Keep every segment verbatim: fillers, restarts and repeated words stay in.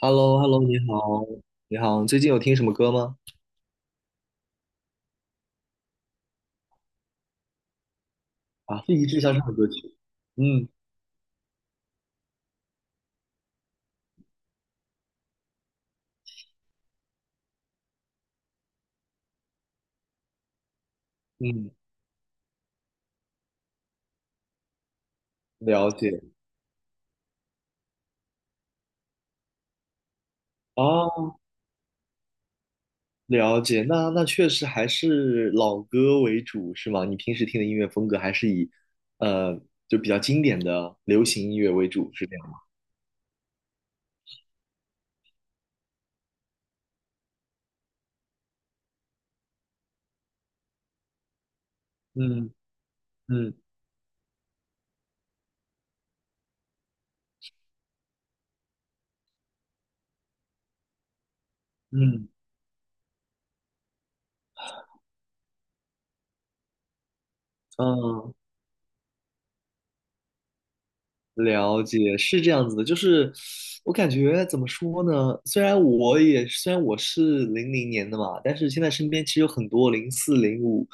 h e l l o h e l l o 你好，你好，最近有听什么歌吗？啊，是一致向上的歌曲。嗯嗯，了解。哦，了解。那那确实还是老歌为主，是吗？你平时听的音乐风格还是以呃，就比较经典的流行音乐为主，是这样吗？嗯嗯嗯嗯，了解，是这样子的，就是我感觉怎么说呢？虽然我也虽然我是零零年的嘛，但是现在身边其实有很多零四、零五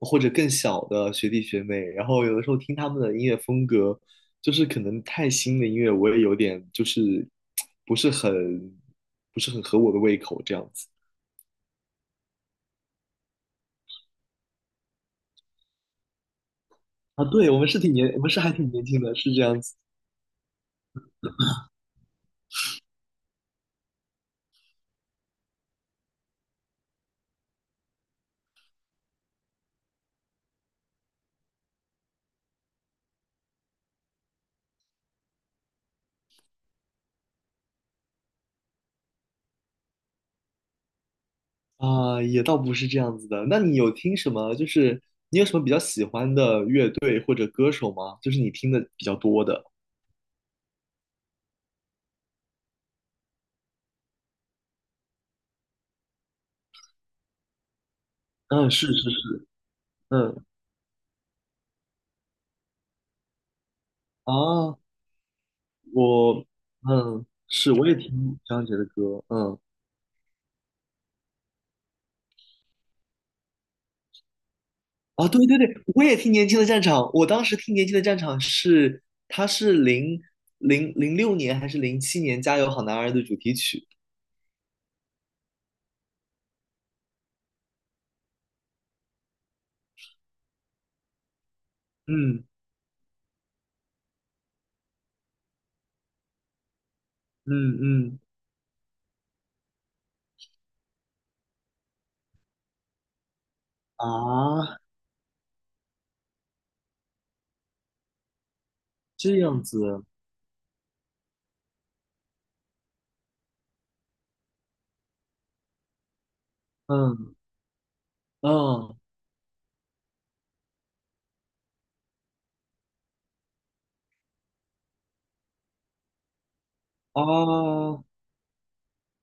或者更小的学弟学妹，然后有的时候听他们的音乐风格，就是可能太新的音乐我也有点就是不是很不是很合我的胃口这样子。啊。对，我们是挺年，我们是还挺年轻的，是这样子。啊，也倒不是这样子的。那你有听什么？就是你有什么比较喜欢的乐队或者歌手吗？就是你听的比较多的。嗯，是是是，嗯啊，我嗯是，我也听张杰的歌，嗯。啊，对对对，我也听《年轻的战场》。我当时听《年轻的战场》是，他是零零零六年还是零七年《加油好男儿》的主题曲。嗯嗯嗯。啊，这样子。嗯嗯。啊。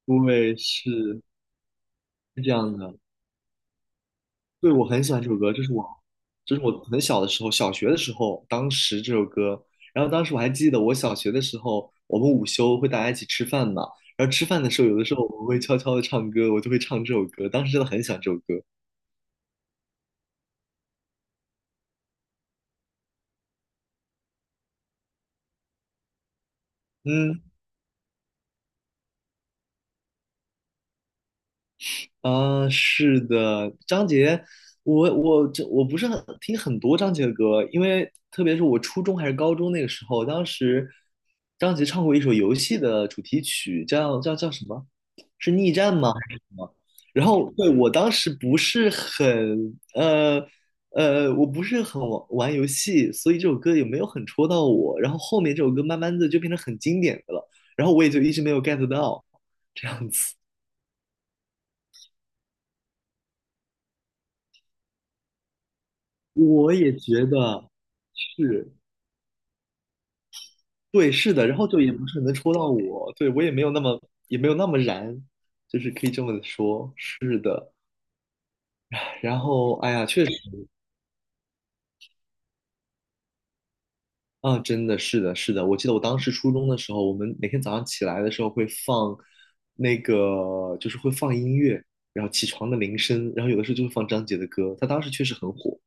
对，是是这样的。对，我很喜欢这首歌，这是我，这是我很小的时候，小学的时候，当时这首歌。然后当时我还记得，我小学的时候，我们午休会大家一起吃饭嘛。然后吃饭的时候，有的时候我们会悄悄的唱歌，我就会唱这首歌。当时真的很喜欢这首歌。嗯，啊，是的，张杰，我我这我不是很听很多张杰的歌，因为特别是我初中还是高中那个时候，当时张杰唱过一首游戏的主题曲，叫叫叫什么？是逆战吗？还是什么？然后对我当时不是很呃呃，我不是很玩玩游戏，所以这首歌也没有很戳到我。然后后面这首歌慢慢的就变成很经典的了，然后我也就一直没有 get 到这样子。我也觉得是，对，是的，然后就也不是很能戳到我，对，我也没有那么也没有那么燃，就是可以这么说。然后哎呀，确实。啊，真的是的，是的。我记得我当时初中的时候，我们每天早上起来的时候会放那个，就是会放音乐，然后起床的铃声，然后有的时候就会放张杰的歌。他当时确实很火。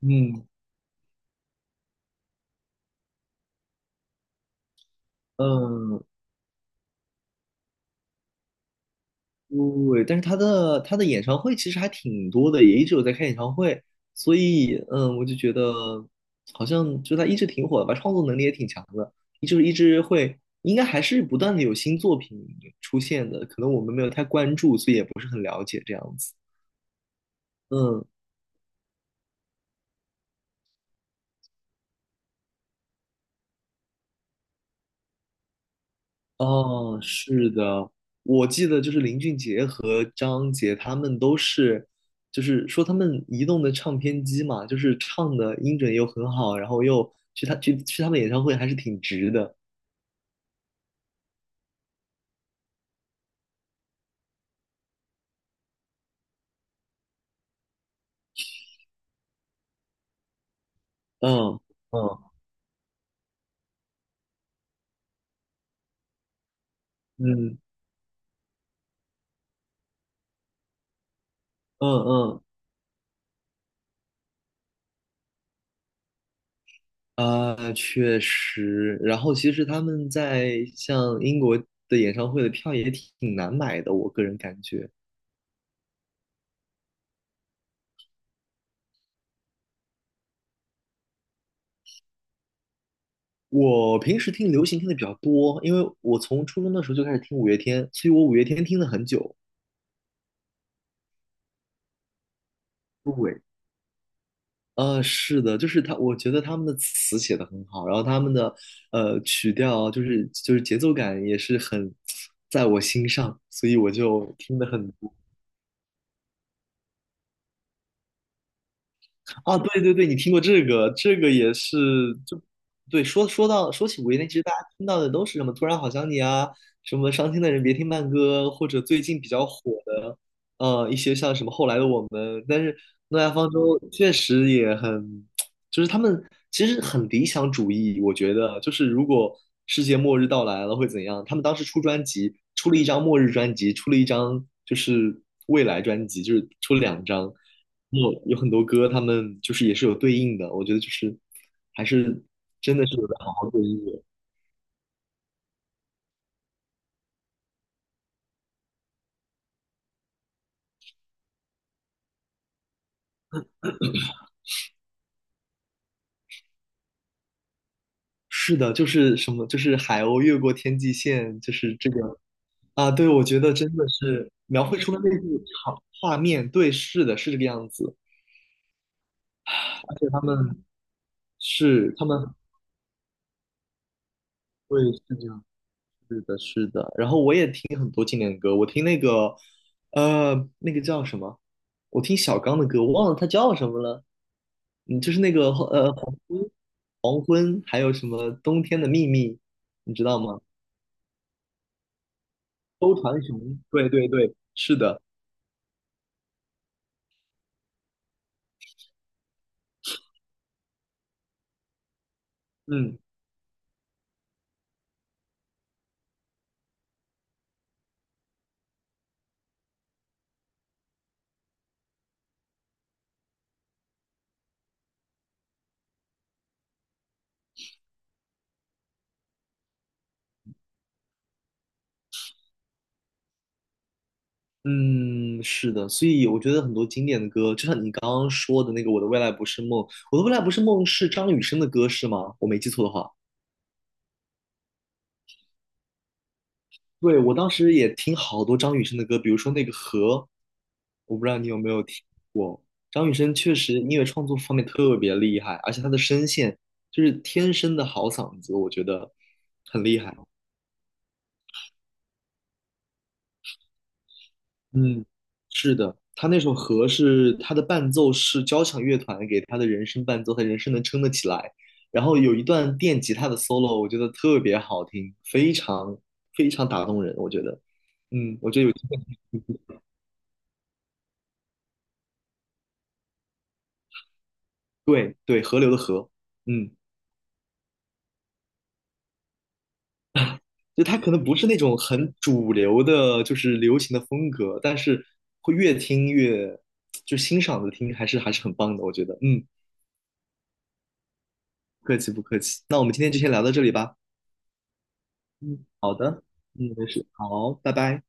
嗯嗯，对，但是他的他的演唱会其实还挺多的，也一直有在开演唱会，所以嗯，我就觉得好像就他一直挺火的吧，创作能力也挺强的，就是一直会，应该还是不断的有新作品出现的，可能我们没有太关注，所以也不是很了解这样子。嗯。哦，是的，我记得就是林俊杰和张杰他们都是，就是说他们移动的唱片机嘛，就是唱的音准又很好，然后又去他去去他们演唱会还是挺值的。嗯嗯嗯嗯嗯。啊，确实。然后其实他们在像英国的演唱会的票也挺难买的，我个人感觉。我平时听流行听的比较多，因为我从初中的时候就开始听五月天，所以我五月天听了很久。对，呃，是的，就是他，我觉得他们的词写的很好，然后他们的呃曲调就是就是节奏感也是很在我心上，所以我就听的很。啊，对对对，你听过这个，这个也是，就对，说说到说起五月天，其实大家听到的都是什么"突然好想你"啊，什么"伤心的人别听慢歌"，或者最近比较火的，呃，一些像什么"后来的我们"，但是诺亚方舟确实也很就是他们其实很理想主义，我觉得就是如果世界末日到来了会怎样？他们当时出专辑，出了一张末日专辑，出了一张就是未来专辑，就是出了两张，有有很多歌，他们就是也是有对应的，我觉得就是还是真的是有在好好做音乐。是的，就是什么，就是海鸥越过天际线，就是这个。啊，对，我觉得真的是描绘出了那幅场画面，对，是的，是这个样子，而且他们。是，他们会是这样，是的，是的。然后我也听很多经典的歌，我听那个，呃，那个叫什么？我听小刚的歌，我忘了他叫什么了。嗯，就是那个呃，黄昏，黄昏，还有什么冬天的秘密，你知道吗？周传雄，对对对，是的，嗯嗯，是的。所以我觉得很多经典的歌，就像你刚刚说的那个《我的未来不是梦》，《我的未来不是梦》是张雨生的歌是吗？我没记错的话。对，我当时也听好多张雨生的歌，比如说那个《河》，我不知道你有没有听过。张雨生确实音乐创作方面特别厉害，而且他的声线就是天生的好嗓子，我觉得很厉害。嗯，是的，他那首《河》是他的伴奏是交响乐团给他的人声伴奏，他人声能撑得起来。然后有一段电吉他的 solo，我觉得特别好听，非常非常打动人，我觉得。嗯，我觉得有，对对，河流的河，嗯。就它可能不是那种很主流的，就是流行的风格，但是会越听越就欣赏的听，还是还是很棒的，我觉得。嗯，不客气不客气。那我们今天就先聊到这里吧。嗯，好的，嗯，没事，好，拜拜。